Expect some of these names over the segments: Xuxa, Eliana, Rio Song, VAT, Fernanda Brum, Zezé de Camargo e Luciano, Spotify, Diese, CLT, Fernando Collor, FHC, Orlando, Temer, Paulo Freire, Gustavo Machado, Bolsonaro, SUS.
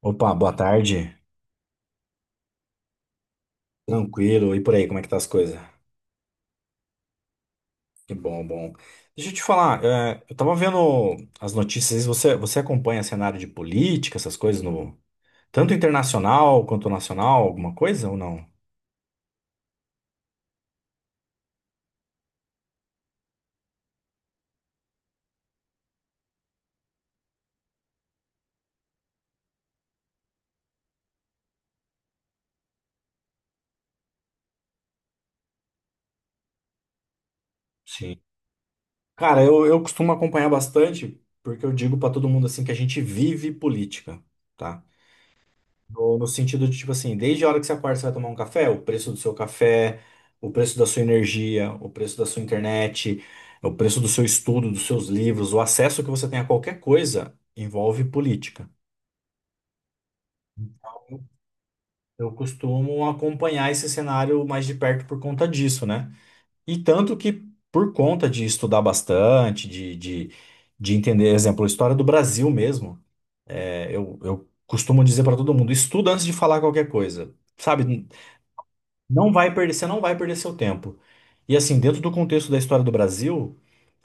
Opa, boa tarde. Tranquilo. E por aí, como é que tá as coisas? Que bom, bom. Deixa eu te falar, eu tava vendo as notícias, você acompanha cenário de política, essas coisas no tanto internacional quanto nacional, alguma coisa ou não? Sim. Cara, eu costumo acompanhar bastante, porque eu digo pra todo mundo assim que a gente vive política, tá? No sentido de, tipo assim, desde a hora que você acorda, você vai tomar um café, o preço do seu café, o preço da sua energia, o preço da sua internet, o preço do seu estudo, dos seus livros, o acesso que você tem a qualquer coisa envolve política. Eu costumo acompanhar esse cenário mais de perto por conta disso, né? E tanto que por conta de estudar bastante, de entender, exemplo, a história do Brasil mesmo, eu costumo dizer para todo mundo, estuda antes de falar qualquer coisa. Sabe. Você não vai perder seu tempo. E assim, dentro do contexto da história do Brasil,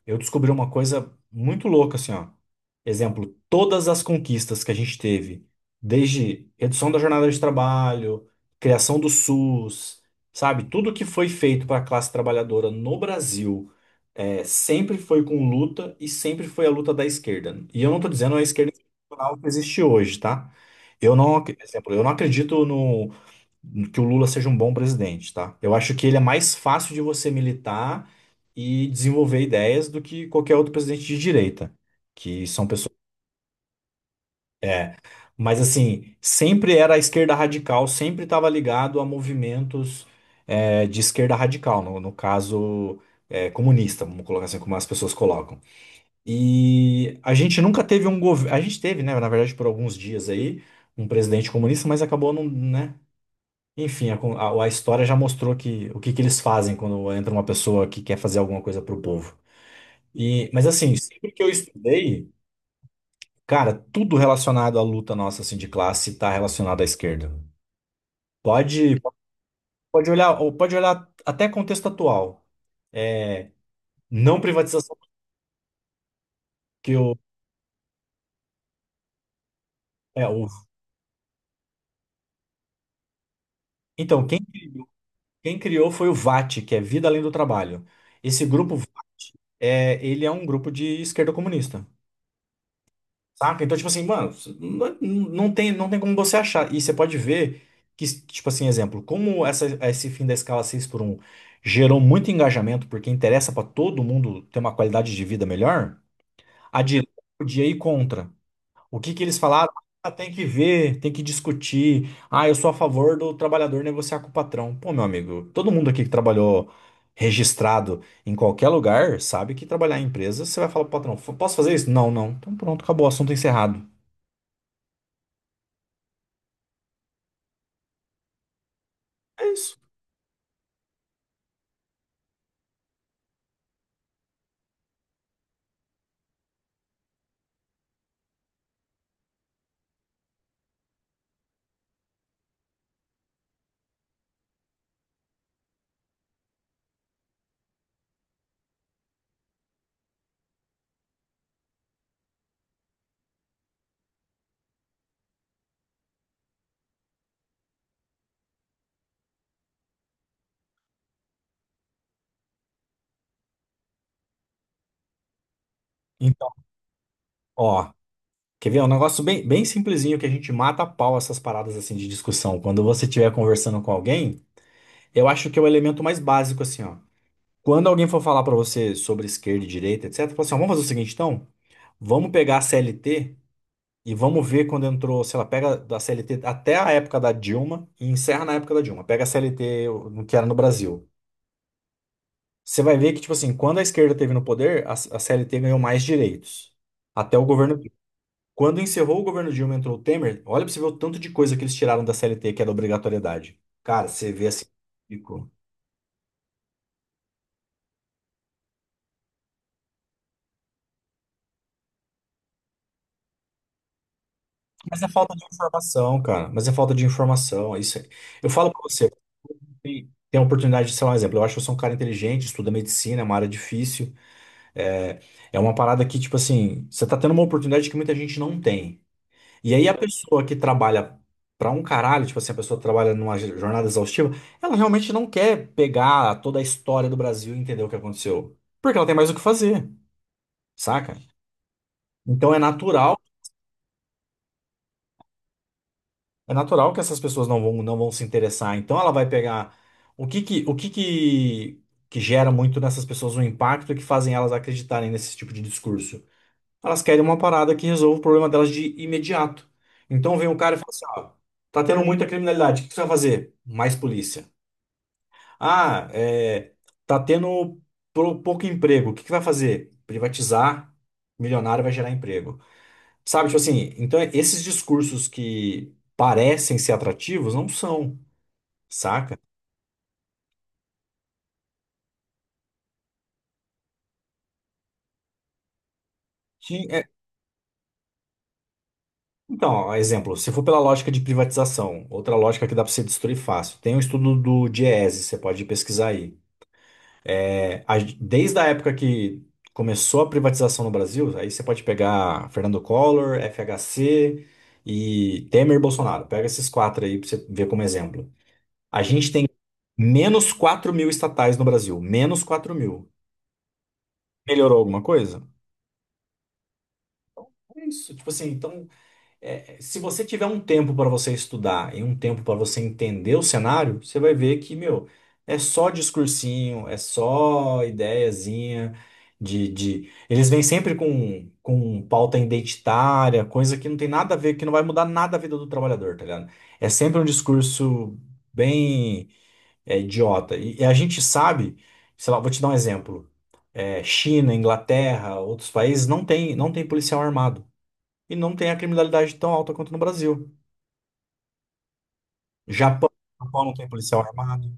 eu descobri uma coisa muito louca, assim, ó. Exemplo, todas as conquistas que a gente teve, desde redução da jornada de trabalho, criação do SUS, sabe? Tudo que foi feito para a classe trabalhadora no Brasil, sempre foi com luta e sempre foi a luta da esquerda. E eu não estou dizendo a esquerda institucional que existe hoje, tá? Eu não, ac- Exemplo, eu não acredito no que o Lula seja um bom presidente, tá? Eu acho que ele é mais fácil de você militar e desenvolver ideias do que qualquer outro presidente de direita, que são pessoas. Mas assim, sempre era a esquerda radical, sempre estava ligado a movimentos de esquerda radical, no caso comunista, vamos colocar assim como as pessoas colocam. E a gente nunca teve um governo, a gente teve, né, na verdade, por alguns dias aí, um presidente comunista, mas acabou não, né? Enfim, a história já mostrou que o que, que eles fazem quando entra uma pessoa que quer fazer alguma coisa pro povo. E, mas assim, sempre que eu estudei, cara, tudo relacionado à luta nossa assim de classe tá relacionado à esquerda. Pode, pode olhar, ou pode olhar até contexto atual. é, Não privatização, que o, é, o então quem criou foi o VAT, que é Vida Além do Trabalho. Esse grupo ele é um grupo de esquerda comunista. Saca? Então, tipo assim, mano, não tem como você achar. E você pode ver que, tipo assim, exemplo, como essa, esse fim da escala 6x1 gerou muito engajamento, porque interessa pra todo mundo ter uma qualidade de vida melhor, a direita podia ir contra. O que que eles falaram? Ah, tem que ver, tem que discutir. Ah, eu sou a favor do trabalhador negociar com o patrão. Pô, meu amigo, todo mundo aqui que trabalhou registrado em qualquer lugar sabe que trabalhar em empresa, você vai falar pro patrão, posso fazer isso? Não, não. Então pronto, acabou, assunto encerrado. É isso. Então, ó, quer ver? É um negócio bem, bem simplesinho que a gente mata a pau essas paradas assim de discussão. Quando você estiver conversando com alguém, eu acho que é o elemento mais básico assim, ó. Quando alguém for falar pra você sobre esquerda e direita, etc, fala assim, ó, vamos fazer o seguinte então, vamos pegar a CLT e vamos ver quando entrou, sei lá, pega da CLT até a época da Dilma e encerra na época da Dilma. Pega a CLT o que era no Brasil. Você vai ver que, tipo assim, quando a esquerda teve no poder, a CLT ganhou mais direitos. Até o governo Quando encerrou o governo Dilma, e entrou o Temer, olha pra você ver o tanto de coisa que eles tiraram da CLT, que era obrigatoriedade. Cara, você vê assim. Ficou. Mas é falta de informação, cara. Mas é falta de informação. É isso. Eu falo pra você, tem a oportunidade de ser um exemplo. Eu acho que eu sou um cara inteligente, estuda medicina, é uma área difícil. É, é uma parada que, tipo assim, você tá tendo uma oportunidade que muita gente não tem. E aí a pessoa que trabalha pra um caralho, tipo assim, a pessoa que trabalha numa jornada exaustiva, ela realmente não quer pegar toda a história do Brasil e entender o que aconteceu, porque ela tem mais o que fazer, saca? Então é natural que essas pessoas não vão se interessar. Então ela vai pegar o que que que gera muito nessas pessoas um impacto e que fazem elas acreditarem nesse tipo de discurso. Elas querem uma parada que resolva o problema delas de imediato. Então vem um cara e fala assim, ó, tá tendo muita criminalidade, o que você vai fazer? Mais polícia. Ah, tá tendo pouco emprego, o que que vai fazer? Privatizar, milionário vai gerar emprego. Sabe, tipo assim, então esses discursos que parecem ser atrativos não são, saca? Ti- é, Então, ó, exemplo, se for pela lógica de privatização, outra lógica que dá para você destruir fácil. Tem um estudo do Diese, você pode pesquisar aí desde a época que começou a privatização no Brasil, aí você pode pegar Fernando Collor, FHC e Temer e Bolsonaro. Pega esses quatro aí para você ver como exemplo. A gente tem menos 4.000 estatais no Brasil, menos 4.000. Melhorou alguma coisa? É isso. Tipo assim, então se você tiver um tempo para você estudar e um tempo para você entender o cenário, você vai ver que, meu, é só discursinho, é só ideiazinha. Eles vêm sempre com, pauta identitária, coisa que não tem nada a ver, que não vai mudar nada a vida do trabalhador, tá ligado? É sempre um discurso bem idiota. E a gente sabe, sei lá, vou te dar um exemplo. É, China, Inglaterra, outros países não tem policial armado. E não tem a criminalidade tão alta quanto no Brasil. Japão, Japão não tem policial armado.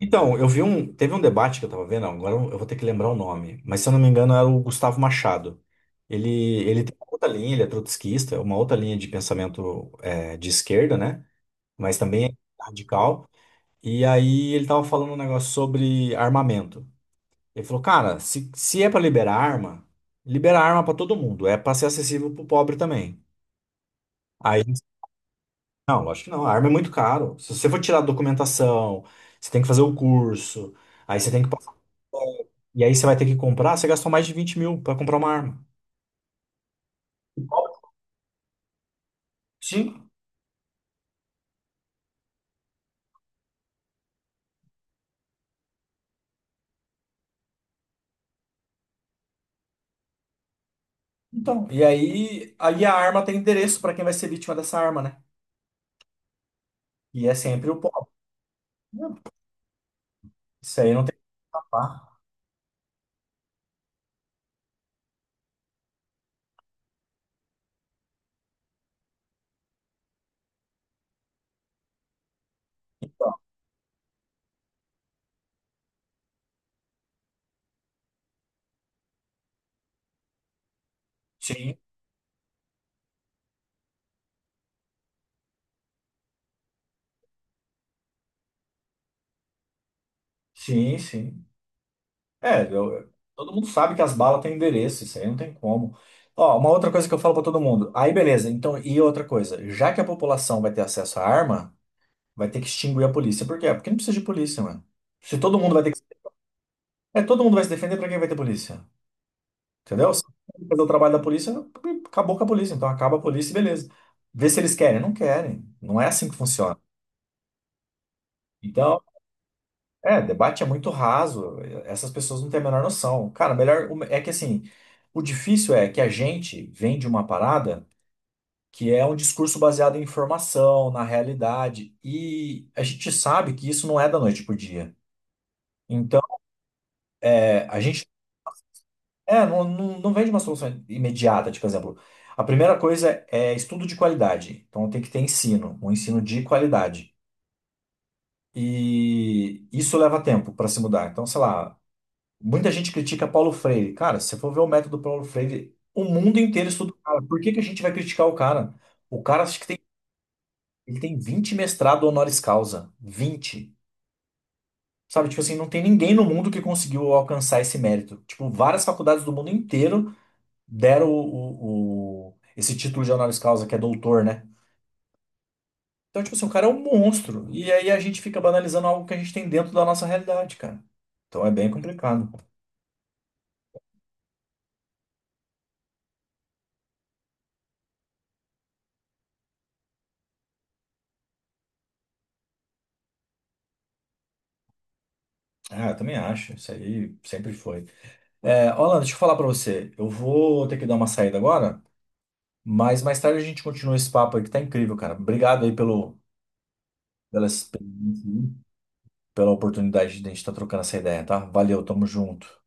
Então, eu vi um. Teve um debate que eu tava vendo, agora eu vou ter que lembrar o nome, mas se eu não me engano era o Gustavo Machado. Ele, ele tem uma outra linha, ele é trotskista, uma outra linha de pensamento de esquerda, né? Mas também é radical. E aí ele tava falando um negócio sobre armamento. Ele falou, cara, se é pra liberar arma, libera arma pra todo mundo, é pra ser acessível pro pobre também. Aí. Não, lógico que não. A arma é muito caro. Se você for tirar a documentação, você tem que fazer o curso, aí você tem que passar. E aí você vai ter que comprar, você gastou mais de 20.000 pra comprar uma arma. Sim. Então, e aí a arma tem endereço para quem vai ser vítima dessa arma, né? E é sempre o pobre. Né? Isso aí não tem papá. Sim, sim, sim. É, todo mundo sabe que as balas têm endereço, isso aí não tem como. Ó, uma outra coisa que eu falo para todo mundo. Aí, beleza. Então, e outra coisa, já que a população vai ter acesso à arma, vai ter que extinguir a polícia. Por quê? Porque não precisa de polícia, mano. Se todo mundo vai. É. Ter que. É, todo mundo vai se defender, pra quem vai ter polícia? Entendeu? Se fazer o trabalho da polícia, acabou com a polícia. Então acaba a polícia e beleza. Vê se eles querem. Não querem. Não é assim que funciona. Então, debate é muito raso. Essas pessoas não têm a menor noção. Cara, melhor. É que assim, o difícil é que a gente vem de uma parada que é um discurso baseado em informação, na realidade. E a gente sabe que isso não é da noite pro dia. Então, a gente. Não, não, não vem de uma solução imediata, tipo, por exemplo. A primeira coisa é estudo de qualidade. Então tem que ter ensino, um ensino de qualidade. E isso leva tempo para se mudar. Então, sei lá, muita gente critica Paulo Freire. Cara, se você for ver o método Paulo Freire, o mundo inteiro estuda o cara. Por que que a gente vai criticar o cara? O cara acho que tem, ele tem 20 mestrado honoris causa. 20. Sabe, tipo assim, não tem ninguém no mundo que conseguiu alcançar esse mérito. Tipo, várias faculdades do mundo inteiro deram esse título de honoris causa, que é doutor, né? Então, tipo assim, o cara é um monstro. E aí a gente fica banalizando algo que a gente tem dentro da nossa realidade, cara. Então é bem complicado. Ah, eu também acho. Isso aí sempre foi. É, Orlando, deixa eu falar pra você. Eu vou ter que dar uma saída agora, mas mais tarde a gente continua esse papo aí que tá incrível, cara. Obrigado aí pela experiência, aí, pela oportunidade de a gente estar trocando essa ideia, tá? Valeu, tamo junto.